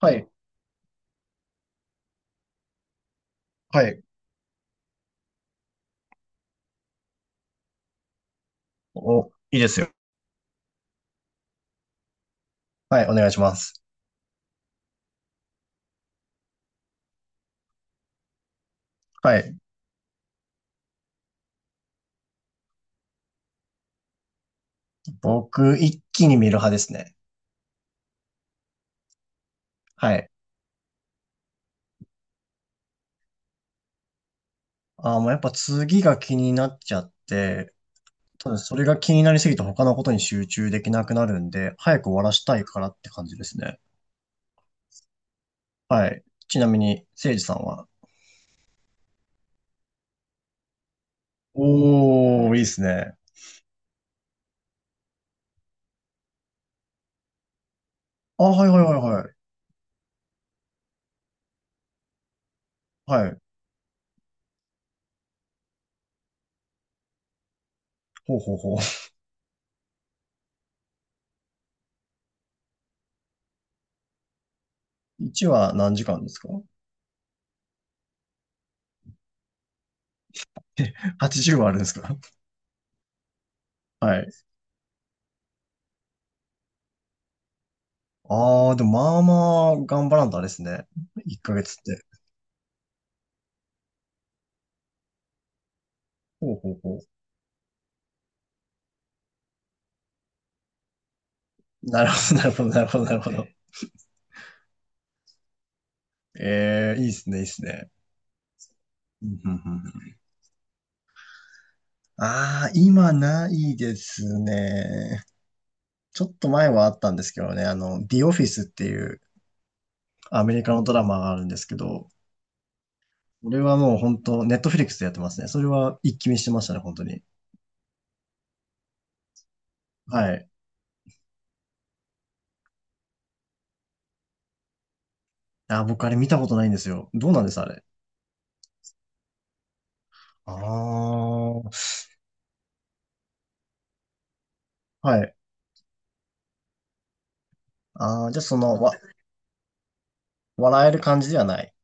はい。はい。お、いいですよ。はい。お願いします。はい。僕、一気に見る派ですね。はい。もうやっぱ、次が気になっちゃって、ただそれが気になりすぎて他のことに集中できなくなるんで、早く終わらしたいからって感じですね。はい。ちなみに、せいじさんは。おー、いいですね。あ、はいはいはいはい。はい。ほうほうほう。1は何時間ですか？ 80 話あるんですか？はい。でも、まあまあ頑張らんとあれですね。1ヶ月って。ほうほうほう。なるほど、なるほど、なるほど、なるほど。ええ、いいっすね、いいっすね。うんうんうんうん。ああ、今ないですね。ちょっと前はあったんですけどね、あの、The Office っていうアメリカのドラマがあるんですけど、これはもう本当、ネットフリックスでやってますね。それは一気見してましたね、本当に。はい。僕あれ見たことないんですよ。どうなんです、あれ。ああ、はい。ああ、じゃあその、わ、笑える感じではない。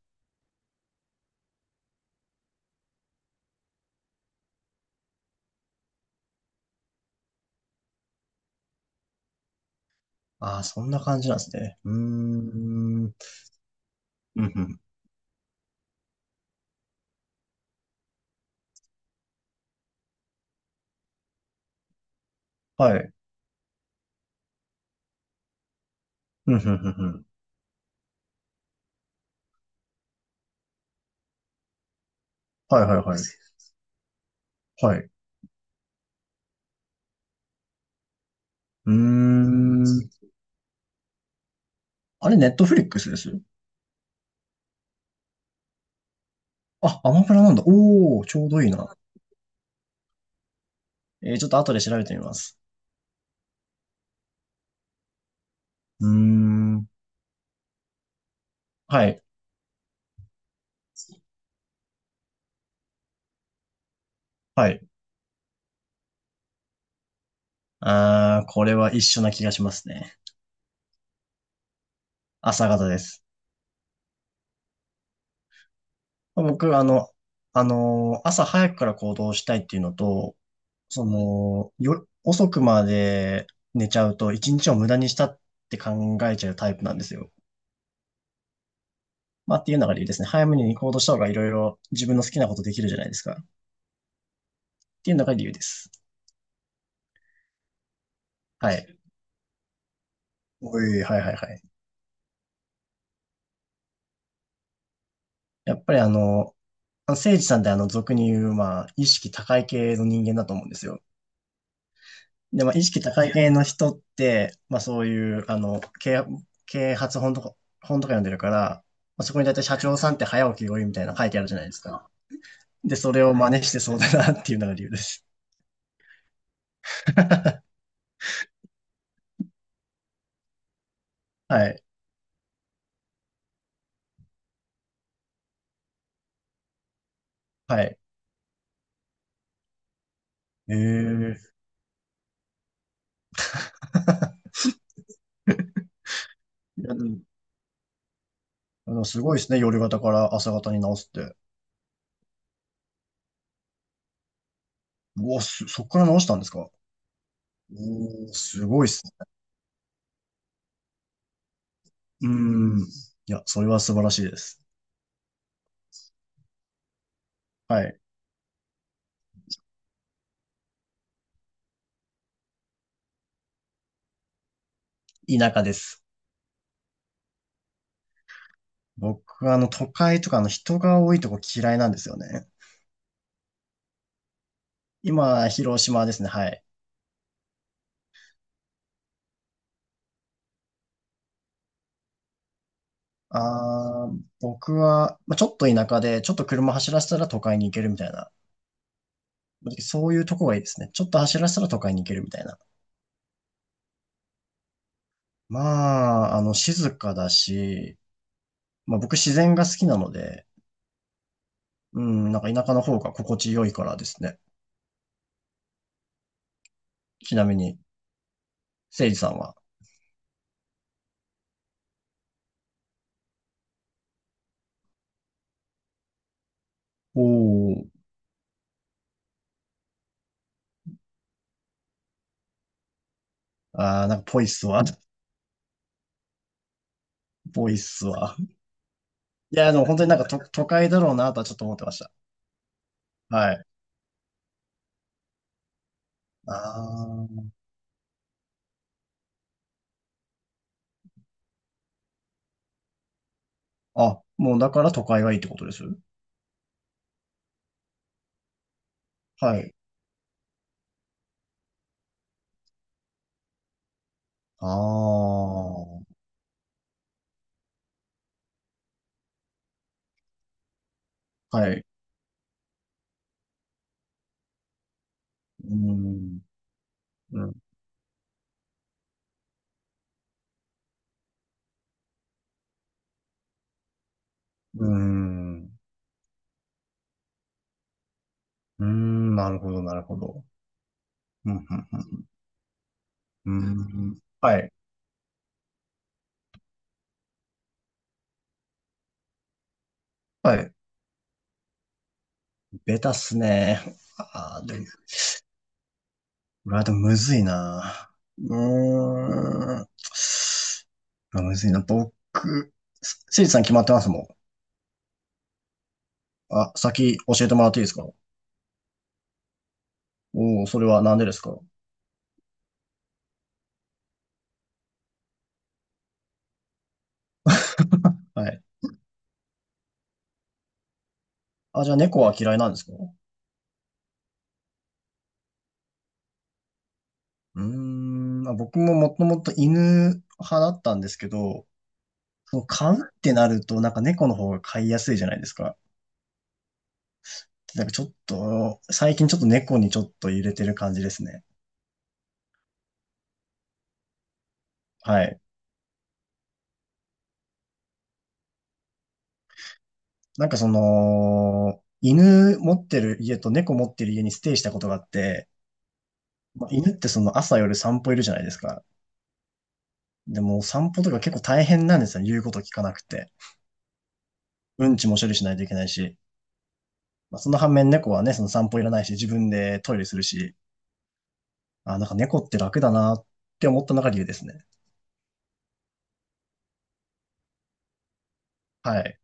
ああ、そんな感じなんですね。うーん。うんうん。はい。うん、うん、うんうん。はい、はい、はい。はい。うーん。あれ、ネットフリックスです？あ、アマプラなんだ。おー、ちょうどいいな。ちょっと後で調べてみます。うーん。はい、はい。これは一緒な気がしますね。朝方です。僕、朝早くから行動したいっていうのと、遅くまで寝ちゃうと一日を無駄にしたって考えちゃうタイプなんですよ。まあ、っていうのが理由ですね。早めに行動した方がいろいろ自分の好きなことできるじゃないですか。っていうのが理由です。はい。おい、はいはいはい。やっぱりあの、誠治さんって、あの俗に言う、まあ、意識高い系の人間だと思うんですよ。で、まあ、意識高い系の人って、まあそういう、あの、啓発本とか、本とか読んでるから、まあ、そこに大体社長さんって早起きが多いみたいなの書いてあるじゃないですか。で、それを真似してそうだなっていうのが理由です。はい。はい。ええー。でもすごいですね。夜型から朝型に直すって。うわ、そっから直したんですか？おー、すごいっす。うーん。いや、それは素晴らしいです。はい。田舎です。僕は、都会とか、あの、人が多いとこ嫌いなんですよね。今、広島ですね。はい。僕は、まあ、ちょっと田舎で、ちょっと車走らせたら都会に行けるみたいな。そういうとこがいいですね。ちょっと走らせたら都会に行けるみたいな。まあ、あの、静かだし、まあ僕自然が好きなので、うん、なんか田舎の方が心地よいからですね。ちなみに、せいじさんは。おー。ああ、なんかぽいっすわ。ぽいっすわ。いや、でも本当になんか都会だろうなとはちょっと思ってました。はい。ああ。あ、もうだから都会がいいってことです？はい。ああ。はい。うーん。うん。うーん。うーん。なるほど、なるほど。うん、うん、うん。うーん。はい。はい。ベタっすね。ああ、でもうわ、でもむずいな。うーん。まあ、むずいな。僕、せいじさん決まってますもん。あ、先教えてもらっていいですか？おおー、それはなんでですか？はい。あ、じゃあ猫は嫌いなんですか？うーん、まあ、僕ももともと犬派だったんですけど、その、飼うってなると、なんか猫の方が飼いやすいじゃないですか。なんかちょっと、最近ちょっと猫にちょっと入れてる感じですね。はい。なんかその、犬持ってる家と猫持ってる家にステイしたことがあって、まあ、犬ってその朝夜散歩いるじゃないですか。でも散歩とか結構大変なんですよね。言うこと聞かなくて。うんちも処理しないといけないし。まあ、その反面猫はね、その散歩いらないし、自分でトイレするし。あ、なんか猫って楽だなって思ったのが理由ですね。はい。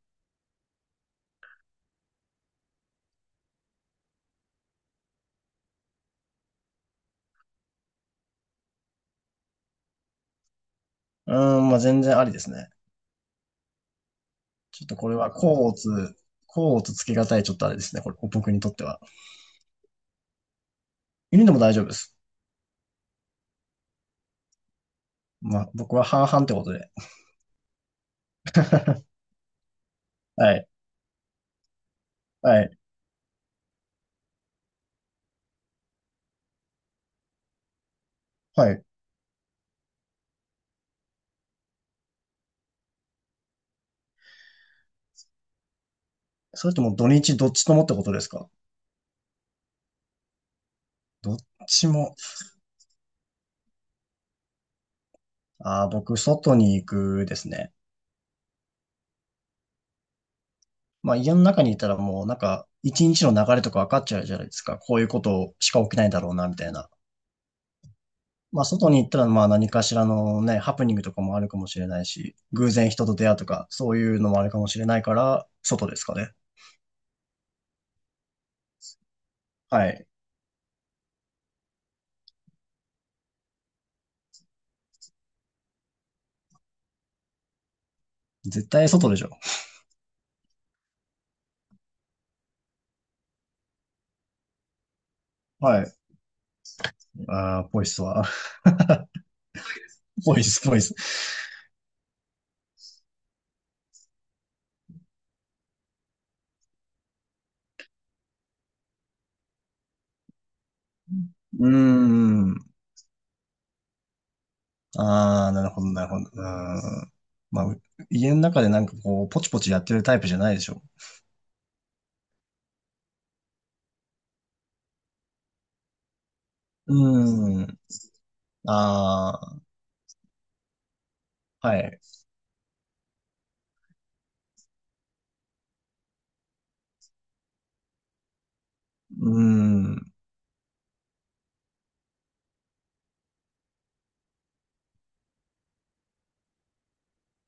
うーん、まあ全然ありですね。ちょっとこれは、甲乙、甲乙つけがたい、ちょっとあれですね。これ、僕にとっては。犬でも大丈夫です。まあ僕は半々ってことで。はい。はい。はい。それとも、う、土日どっちともってことですか？どっちも。ああ、僕、外に行くですね。まあ、家の中にいたらもう、なんか、一日の流れとか分かっちゃうじゃないですか。こういうことしか起きないだろうな、みたいな。まあ、外に行ったら、まあ、何かしらのね、ハプニングとかもあるかもしれないし、偶然人と出会うとか、そういうのもあるかもしれないから、外ですかね。はい。絶対外でしょ。はい。ああ、ポイスは。ポイス、ポイス。うーん。ああ、なるほど、なるほど。うーん。まあ、家の中でなんかこう、ポチポチやってるタイプじゃないでしょ。うーん。ああ、はい。うーん。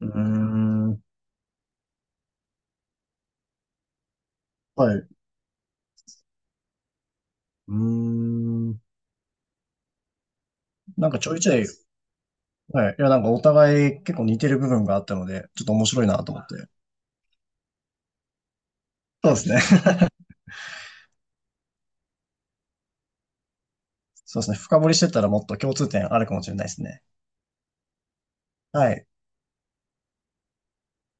うーん。はい。うーん。なんかちょいちょい、はい。いや、なんかお互い結構似てる部分があったので、ちょっと面白いなと思って。そうですね。そうですね。深掘りしてったらもっと共通点あるかもしれないですね。はい。